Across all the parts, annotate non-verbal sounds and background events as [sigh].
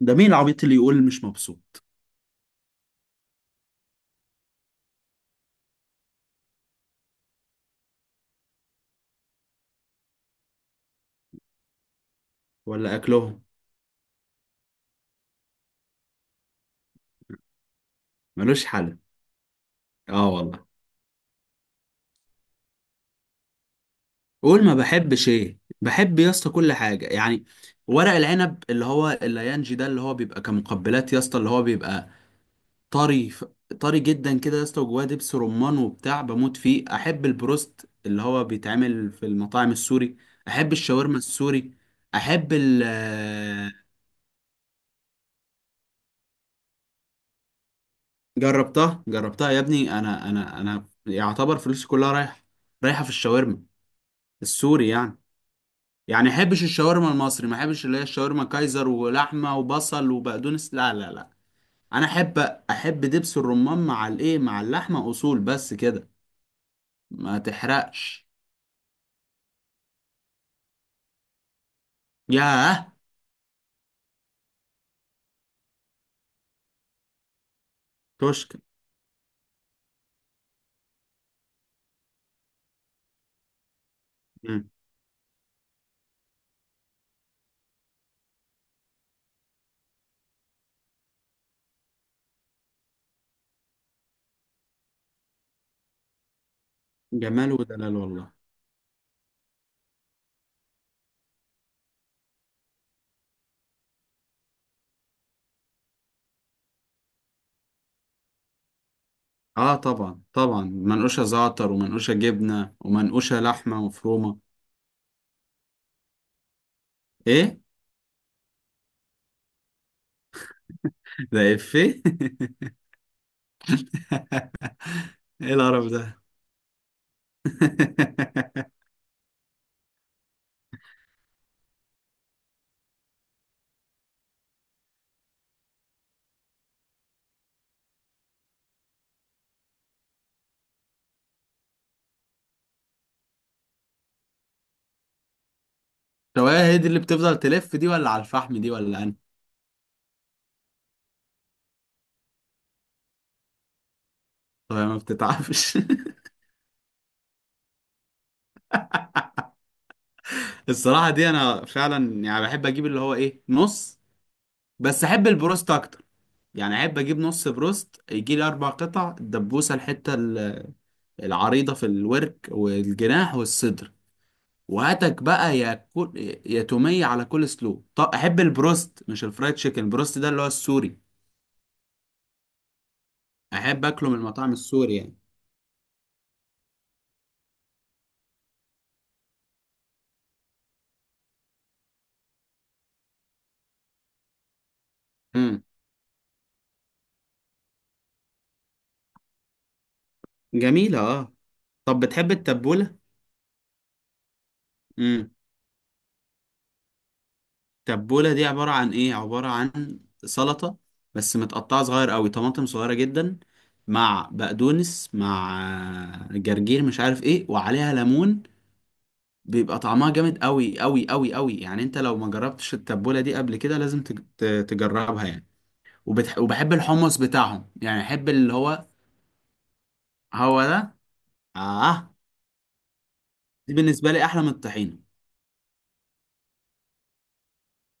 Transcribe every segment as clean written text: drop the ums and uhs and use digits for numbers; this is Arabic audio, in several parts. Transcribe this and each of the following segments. ده مين العبيط اللي يقول مش مبسوط؟ ولا اكلهم؟ ملوش حل. اه والله. قول ما بحبش، ايه بحب يا اسطى؟ كل حاجه يعني، ورق العنب اللي هو الليانجي ده، اللي هو بيبقى كمقبلات يا اسطى، اللي هو بيبقى طري ف- طري جدا كده يا اسطى، وجواه دبس رمان وبتاع، بموت فيه. احب البروست اللي هو بيتعمل في المطاعم السوري، احب الشاورما السوري. احب ال آه، جربتها يا ابني، انا يعتبر فلوسي كلها رايحه، رايحه في الشاورما السوري يعني احبش الشاورما المصري، ما احبش اللي هي الشاورما كايزر ولحمه وبصل وبقدونس، لا لا لا. انا احب دبس الرمان مع الايه، مع اللحمه، اصول بس كده. ما تحرقش. ياه توشكا. مم. جمال ودلال والله. اه طبعا طبعا، منقوشه زعتر ومنقوشه جبنه ومنقوشه لحمه مفرومه. ايه ده؟ افيه. [laughs] ايه القرف ده؟ [laughs] شوايه، هي دي اللي بتفضل تلف دي، ولا على الفحم دي، ولا انا؟ طب ما بتتعبش. [laughs] الصراحة دي أنا فعلا يعني بحب أجيب اللي هو إيه، نص، بس أحب البروست أكتر يعني. أحب أجيب نص بروست يجي لي أربع قطع، الدبوسة، الحتة العريضة في الورك والجناح والصدر، وهاتك بقى يا كل، يا تومية على كل سلو. طب أحب البروست، مش الفرايد تشيكن، البروست ده اللي هو السوري، أحب أكله من المطاعم السوري يعني. امم جميلة أه. طب بتحب التبولة؟ تبولة دي عبارة عن ايه؟ عبارة عن سلطة بس متقطعة صغير قوي، طماطم صغيرة جدا مع بقدونس مع جرجير مش عارف ايه، وعليها ليمون. بيبقى طعمها جامد قوي قوي قوي قوي يعني. انت لو ما جربتش التبولة دي قبل كده لازم تجربها يعني. وبحب الحمص بتاعهم يعني، احب اللي هو، هو ده. اه. دي بالنسبة لي احلى من الطحينة.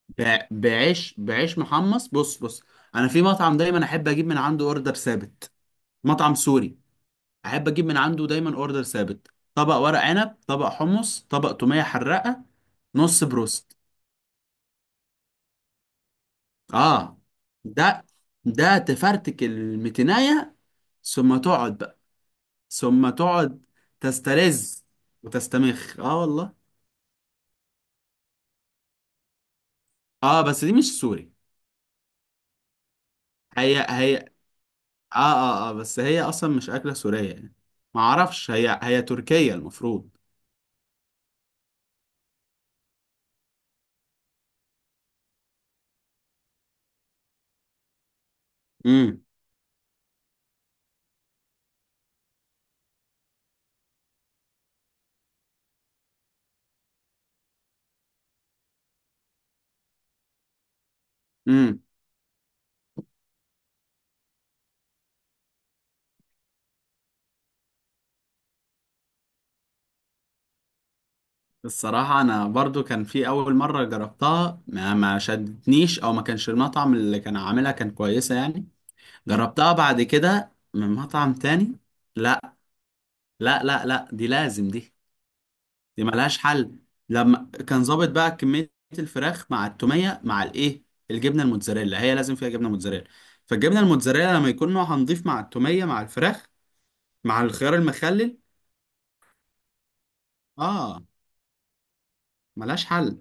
ب... بعيش محمص. بص انا في مطعم دايما احب اجيب من عنده اوردر ثابت، مطعم سوري. احب اجيب من عنده دايما اوردر ثابت: طبق ورق عنب، طبق حمص، طبق تومية حراقة، نص بروست. اه ده ده تفرتك المتناية، ثم تقعد بقى، ثم تقعد، تسترز وتستمخ. اه والله. اه بس دي مش سوري. هي اه اه اه، بس هي اصلا مش اكلة سورية يعني. ما اعرفش، هي تركية المفروض. امم امم. الصراحة أنا برضو كان في أول مرة جربتها ما شدتنيش، أو ما كانش المطعم اللي كان عاملها كان كويسة يعني. جربتها بعد كده من مطعم تاني، لا لا لا لا، دي لازم دي، دي ملهاش حل لما كان ظابط بقى كمية الفراخ مع التومية مع الإيه، الجبنة الموتزاريلا، هي لازم فيها جبنة موتزاريلا. فالجبنة الموتزاريلا لما يكون نوعها نضيف مع التومية مع الفراخ مع الخيار المخلل. آه ملهاش حل.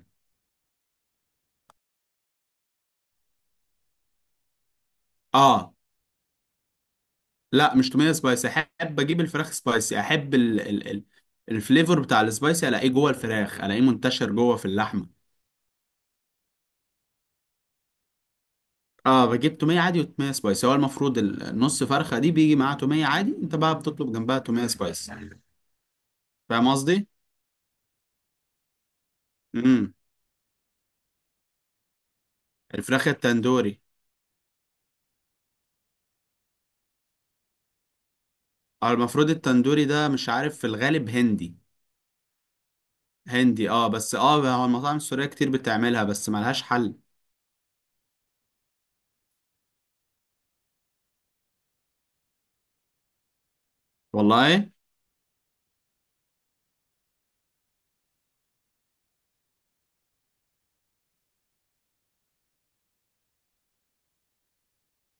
آه لا، مش توميه سبايسي، احب اجيب الفراخ سبايسي، احب ال الفليفر بتاع السبايسي، الاقيه جوه الفراخ، الاقيه منتشر جوه في اللحمه. اه بجيب توميه عادي وتوميه سبايسي، هو المفروض النص فرخه دي بيجي معاها توميه عادي، انت بقى بتطلب جنبها توميه سبايسي. فاهم قصدي؟ امم الفراخ التندوري. اه المفروض التندوري ده، مش عارف، في الغالب هندي. هندي اه، بس اه، هو المطاعم السوريه كتير بتعملها بس ملهاش حل. والله.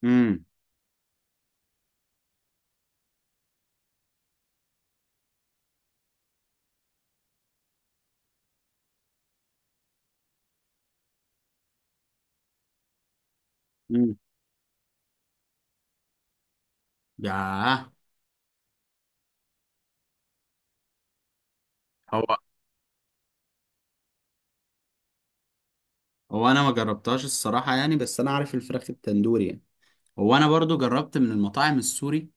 امم امم ياه. هو، انا ما جربتهاش الصراحه يعني، بس انا عارف الفراخ التندوري يعني. هو انا برضو جربت من المطاعم السوري.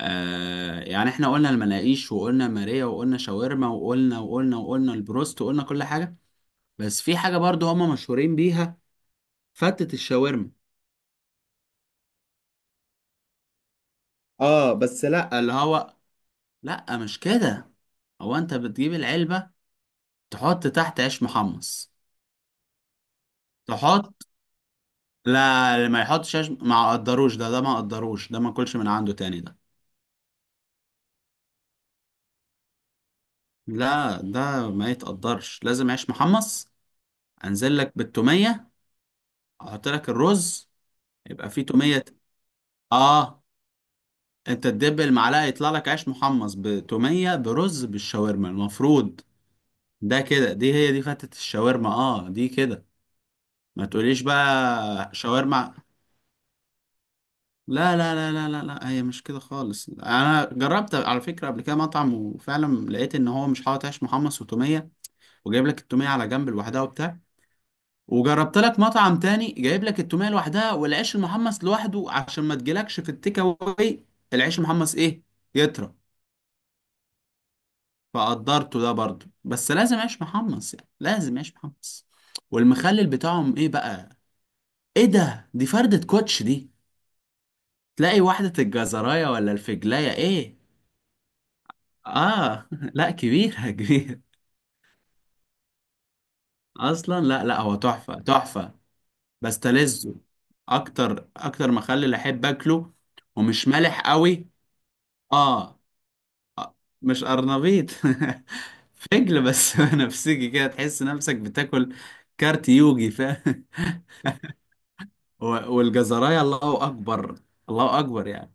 آه يعني احنا قلنا المناقيش، وقلنا ماريا، وقلنا شاورما، وقلنا وقلنا وقلنا البروست، وقلنا كل حاجه. بس في حاجه برضو هما مشهورين بيها: فتة الشاورما. اه بس لا، اللي هو، لا مش كده، هو انت بتجيب العلبه، تحط تحت عيش محمص، تحط. لا، ما يحطش عيش، ما قدروش ده، ما قدروش ده، ما كلش من عنده تاني ده. لا ده ما يتقدرش، لازم عيش محمص. انزل لك بالتوميه، احط لك الرز، يبقى فيه توميه. اه. انت تدب المعلقه، يطلع لك عيش محمص بتوميه برز بالشاورما المفروض. ده كده، دي هي دي فتة الشاورما، اه دي كده. ما تقوليش بقى شاورما. لا لا لا لا لا لا، هي مش كده خالص. انا جربت على فكره قبل كده مطعم، وفعلا لقيت ان هو مش حاطط عيش محمص وتوميه، وجايب لك التوميه على جنب لوحدها وبتاع. وجربت لك مطعم تاني جايب لك التوميه لوحدها والعيش المحمص لوحده، عشان ما تجيلكش في التيك اواي العيش المحمص ايه، يطرى. فقدرته ده برضه، بس لازم عيش محمص يعني، لازم عيش محمص. والمخلل بتاعهم ايه بقى؟ ايه ده؟ دي فردة كوتش دي، تلاقي واحدة الجزراية ولا الفجلاية ايه. اه، [laughs] لا كبيرة كبيرة اصلا. لا لا، هو تحفة تحفة. بستلذه اكتر، اكتر مخلل احب اكله، ومش مالح قوي. اه مش قرنبيط، [laughs] فجل بس، [laughs] نفسجي كده، تحس نفسك بتاكل كارت يوجي، فاهم؟ و- والجزرايه الله اكبر، الله اكبر يعني.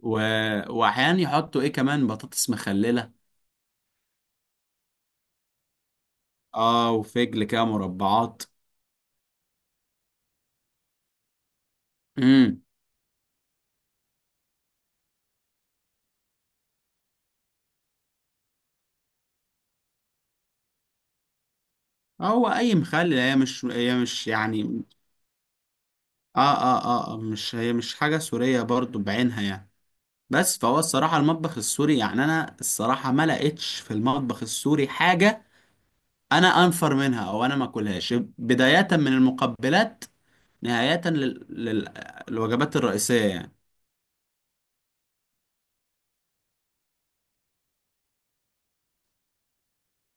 و... واحيانا يحطوا ايه كمان، بطاطس مخلله. اه وفجل كده مربعات. امم. هو اي مخلل، هي مش، هي مش يعني، اه اه اه، مش هي، مش حاجه سوريه برضو بعينها يعني. بس فهو الصراحه، المطبخ السوري يعني، انا الصراحه ما لقيتش في المطبخ السوري حاجه انا انفر منها، او انا ما اكلهاش، بداية من المقبلات نهاية الوجبات الرئيسية يعني.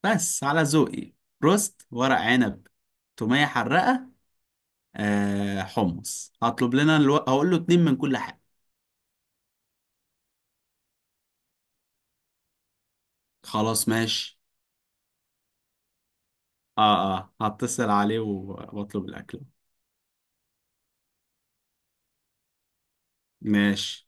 بس على ذوقي: روست، ورق عنب، تومية حرقة، آه حمص، هطلب لنا هقول له اتنين من كل حاجة. خلاص ماشي. اه اه، هتصل عليه واطلب الاكل. ماشي.